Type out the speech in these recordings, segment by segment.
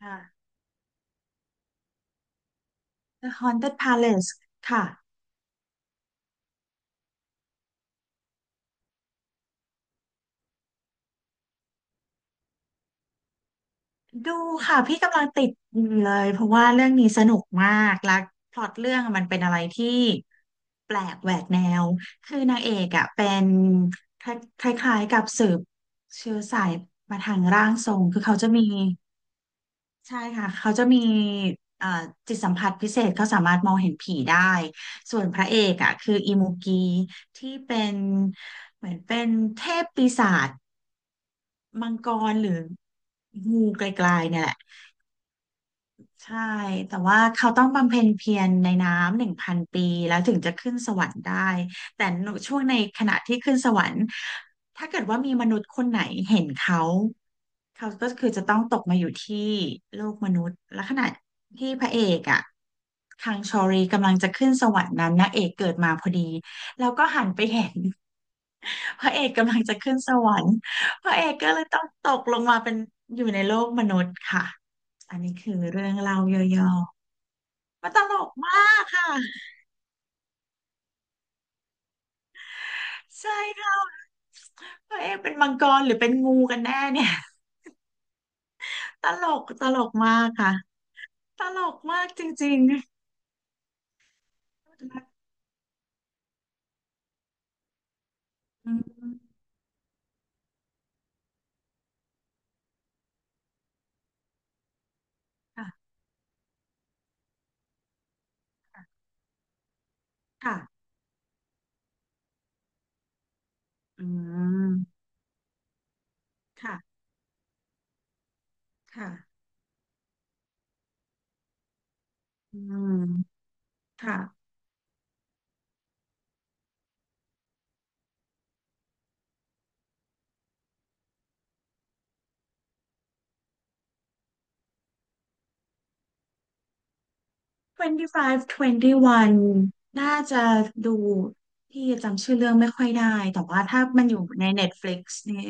ค่ะ The Haunted Palace ค่ะดูค่ะพี่กำลังติดอยู่เลยเพราะว่าเรื่องนี้สนุกมากและพล็อตเรื่องมันเป็นอะไรที่แปลกแหวกแนวคือนางเอกอ่ะเป็นคคล้ายๆกับสืบเชื้อสายมาทางร่างทรงคือเขาจะมีใช่ค่ะเขาจะมีเอ่อจิตสัมผัสพิเศษเขาสามารถมองเห็นผีได้ส่วนพระเอกอ่ะคืออิมูกีที่เหมือนเป็นเทพปีศาจ มังกรหรืองูไกลๆเนี่ยแหละใช่แต่ว่าเขาต้องบำเพ็ญเพียรในน้ำ1,000 ปีแล้วถึงจะขึ้นสวรรค์ได้แต่ช่วงในขณะที่ขึ้นสวรรค์ถ้าเกิดว่ามีมนุษย์คนไหนเห็นเขาเขาก็คือจะต้องตกมาอยู่ที่โลกมนุษย์และขณะที่พระเอกอะคังชอรีกำลังจะขึ้นสวรรค์นั้นนางเอกเกิดมาพอดีเห็น พระเอกกำลังจะขึ้นสวรรค์พระเอกก็เลยต้องตกลงมาเป็นอยู่ในโลกมนุษย์ค่ะอันนี้คือเรื่องเล่าย่อๆมันตลกมากค่ะใช่ค่ะพระเอกเป็นมังกรหรือเป็นงูกันแน่เนี่ย ตลกมากค่ะตลกมากจริงๆอืมค่ะค่ะอืมค่ะค่ะอืมค่ะ 25 21น่าจะดูพี่จำชื่อเรื่องไม่ค่อยได้แต่ว่าถ้ามันอยู่ใน Netflix นี่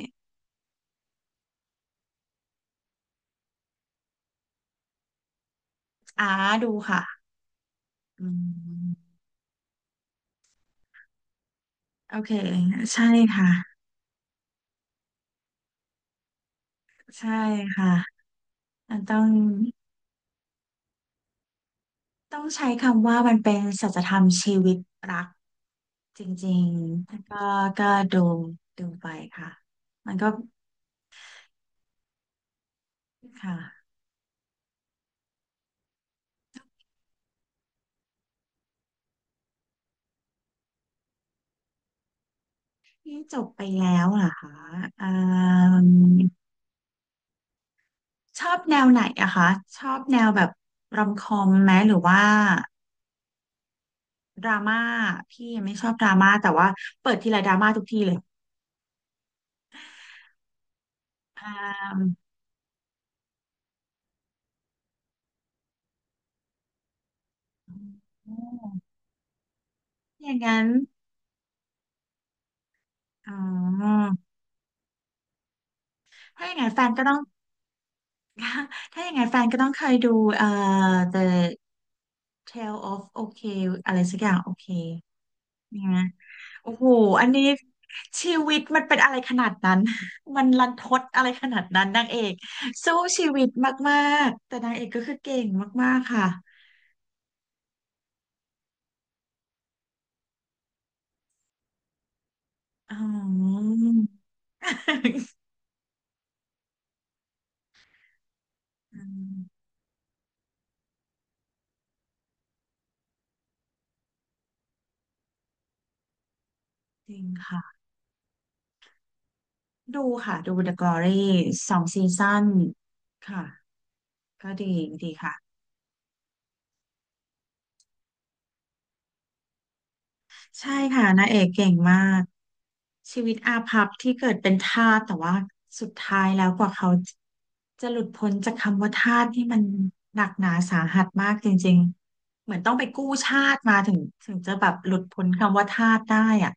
อ้าดูค่ะอืมโอเคใช่ค่ะใช่ค่ะมันต้องใช้คำว่ามันเป็นสัจธรรมชีวิตรักจริงๆแล้วก็ก็ดูดูไปค่ะมันก็ค่ะที่จบไปแล้วเหรอคะอ่า ชอบแนวไหนอะคะชอบแนวแบบรอมคอมไหมหรือว่าดราม่าพี่ไม่ชอบดราม่าแต่ว่าเปิดทีไรดราม่าทุกทีเลยอ่าอมอย่างนั้นอ๋อถ้าอย่างนั้นแฟนก็ต้อง ถ้าอย่างนั้นแฟนก็ต้องเคยดูเอ่อ The Tale of OK อะไรสักอย่าง OK เนี่ย โอ้โหอันนี้ชีวิตมันเป็นอะไรขนาดนั้น มันรันทดอะไรขนาดนั้นนางเอกสู้ชีวิตมากๆแต่นางเอกก็คือเก่งมากๆค่ะ อ๋อ อืม จริงค่ะ ดูค่ะ ดู The Glory สองซีซั่นค่ะ ก็ดีค่ะ ใช่ค่ะนางเอกเก่งมากชีวิตอาภัพที่เกิดเป็นทาสแต่ว่าสุดท้ายแล้วกว่าเขาจะหลุดพ้นจากคำว่าทาสที่มันหนักหนาสาหัสมากจริงๆเหมือนต้องไปกู้ชาติมาถึงจะแบบหลุดพ้นคำว่าทาสได้อ่ะ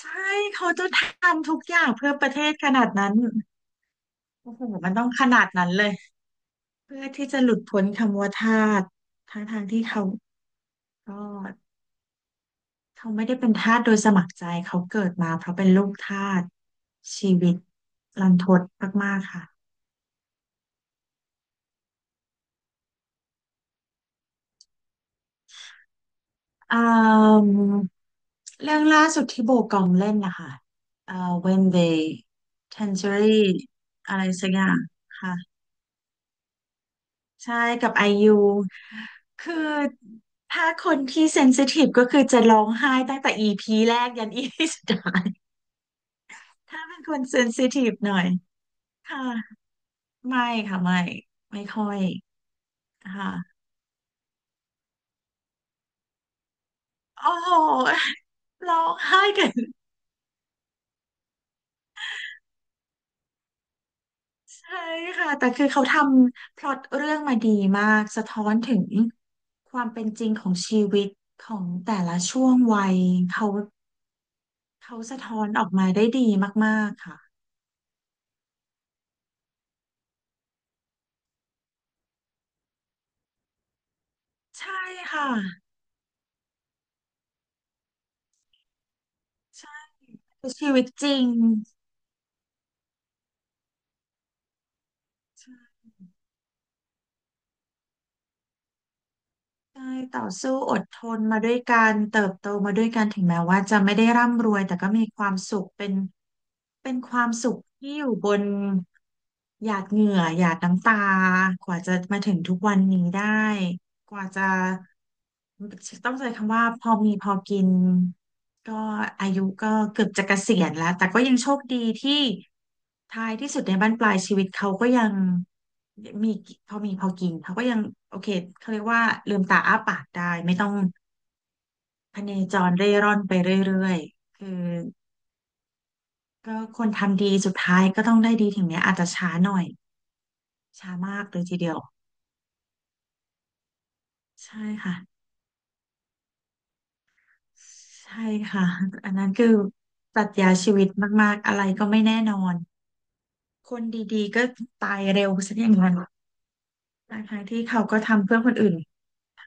ใช่เขาจะทำทุกอย่างเพื่อประเทศขนาดนั้นโอ้โหมันต้องขนาดนั้นเลยเพื่อที่จะหลุดพ้นคำว่าทาสทั้งทางที่เขาก็ เขาไม่ได้เป็นทาสโดยสมัครใจเขาเกิดมาเพราะเป็นลูกทาสชีวิตรันทดมากๆค่ะอืมเรื่องล่าสุดที่โบกอมเล่นนะคะเอ่อ When They Tangerine อะไรสักอย่างค่ะใช่กับไอยูคือถ้าคนที่เซนซิทีฟก็คือจะร้องไห้ตั้งแต่อีพีแรกยันอพีสุดท้ายถ้าเป็นคนเซนซิทีฟหน่อยค่ะไม่ค่ะไม่ไม่ค่อยค่ะ โอ้โหร้องไห้กันใช่ค่ะ แต่คือเขาทำพล็อตเรื่องมาดีมากสะท้อนถึงความเป็นจริงของชีวิตของแต่ละช่วงวัยเขาเขาสะท้อนออกมาได้ดีมากๆค่ะใช่ค่ะใช่คือชีวิตจริง ใช่ต่อสู้อดทนมาด้วยกันเติบโตมาด้วยกันถึงแม้ว่าจะไม่ได้ร่ำรวยแต่ก็มีความสุขเป็นความสุขที่อยู่บนหยาดเหงื่อหยาดน้ำตากว่าจะมาถึงทุกวันนี้ได้ กว่าจะต้องใช้คำว่าพอมีพอกินก็อายุก็เกือบจะเกษียณแล้วแต่ก็ยังโชคดีที่ท้ายที่สุดในบั้นปลายชีวิตเขาก็ยังมีพอมีพอกินเขาก็ยังโอเคเขาเรียกว่าลืมตาอ้าปากได้ไม่ต้องพเนจรเร่ร่อนไปเรื่อยๆคือก็คนทำดีสุดท้ายก็ต้องได้ดีถึงแม้อาจจะช้าหน่อยช้ามากเลยทีเดียวใช่ค่ะ ใช่ค่ะอันนั้นคือปรัชญาชีวิตมากๆอะไรก็ไม่แน่นอนคนดีๆก็ตายเร็วซะอย่างนั้นทั้งๆที่เขาก็ทำเพื่อคนอื่น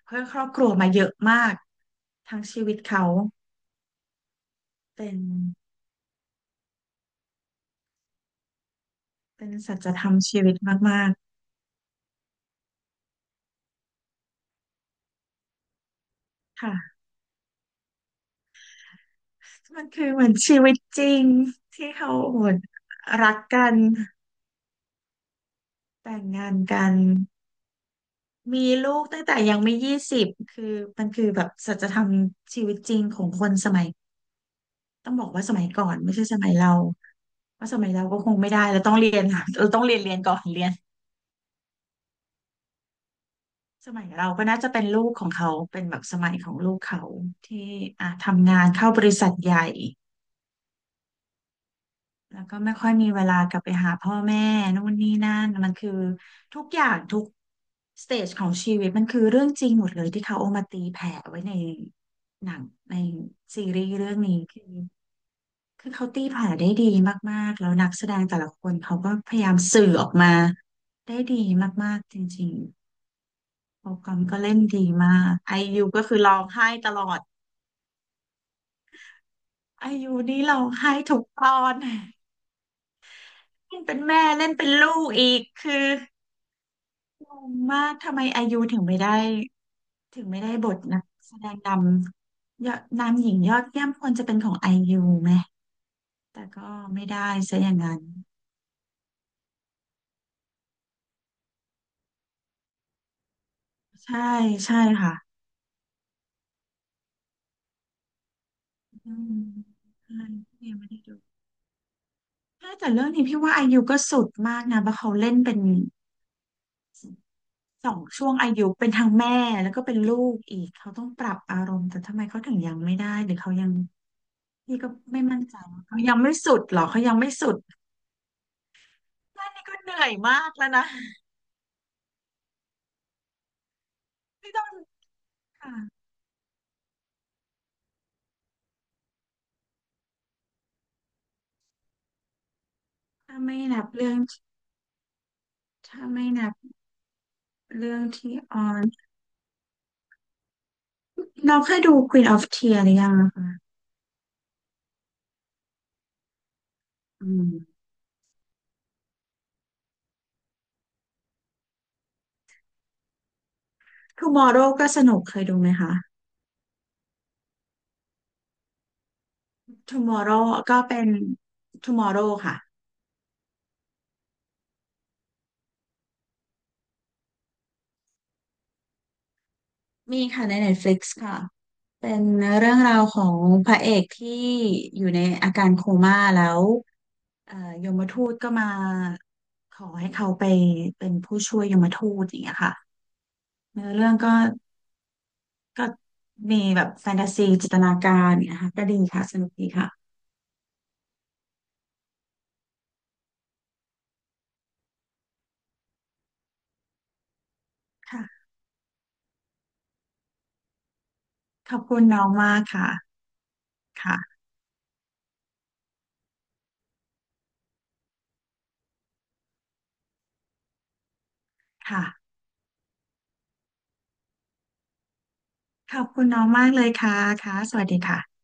เพื่อครอบครัวมาเยอะมากทั้งชีวิตเขาเป็นเป็นสัจธรรมชีวิตมากๆค่ะมันคือเหมือนชีวิตจริงที่เขาโอดรักกันแต่งงานกันมีลูกตั้งแต่ยังไม่20คือมันคือแบบสัจธรรมชีวิตจริงของคนสมัย ต้องบอกว่าสมัยก่อนไม่ใช่สมัยเราเพราะสมัยเราก็คงไม่ได้เราต้องเรียนค่ะเราต้องเรียนก่อนเรียนสมัยเราก็น่าจะเป็นลูกของเขาเป็นแบบสมัยของลูกเขาที่อ่ะทำงานเข้าบริษัทใหญ่แล้วก็ไม่ค่อยมีเวลากลับไปหาพ่อแม่นู่นนี่นั่นมันคือทุกอย่างทุกสเตจของชีวิตมันคือเรื่องจริงหมดเลยที่เขาเอามาตีแผ่ไว้ในหนังในซีรีส์เรื่องนี้คือเขาตีผ่าได้ดีมากๆแล้วนักแสดงแต่ละคนเขาก็พยายามสื่อออกมาได้ดีมากๆจริงๆโปรแกรมก็เล่นดีมากไอยูก็คือร้องไห้ตลอดไอยูนี่ร้องไห้ทุกตอนเล่นเป็นแม่เล่นเป็นลูกอีกคืองงมากทำไมไอยูถึงไม่ได้ถึงไม่ได้บทนักแสดงนำยอดนำหญิงยอดเยี่ยมควรจะเป็นของไอยูไหมแต่ก็ไม่ได้ซะอย่างนั้นใช่ใช่ค่ะ อืมใช่พี่ยังไม่ได้ดูถ้าแต่เรื่องนี้พี่ว่าอายุก็สุดมากนะเพราะเขาเล่นเป็นสองช่วงอายุเป็นทั้งแม่แล้วก็เป็นลูกอีกเขาต้องปรับอารมณ์แต่ทำไมเขาถึงยังไม่ได้หรือเขายังพี่ก็ไม่มั่นใจว่าเขายังไม่สุดหรอเขายังไม่สุดแค่นี้ก็เหนื่อยมากแล้วนะพี่ต้องค่ะถ้าไม่นับเรื่องถ้าไม่นับเรื่องที่ออนเราเคยดู Queen of Tears หรือยังนะคะอืม Tomorrow ก็สนุกเคยดูไหมคะ Tomorrow เป็น Tomorrow ค่ะ มีค่ะใน Netflix ค่ะ เป็นเรื่องราวของพระเอกที่อยู่ในอาการโคม่าแล้วเอ่อยมทูตก็มาขอให้เขาไปเป็นผู้ช่วยยมทูตอย่างเงี้ยค่ะเนื้อเรื่องก็มีแบบแฟนตาซีจินตนาการอย่างเงี้ยค่ะก็ดีค่ะสนุกดีค่ะค่ะ ขอบคุณน้องมากค่ะค่ะ ค่ะ ขอบคุณน้องมากเลยค่ะค่ะสวัสดีค่ะ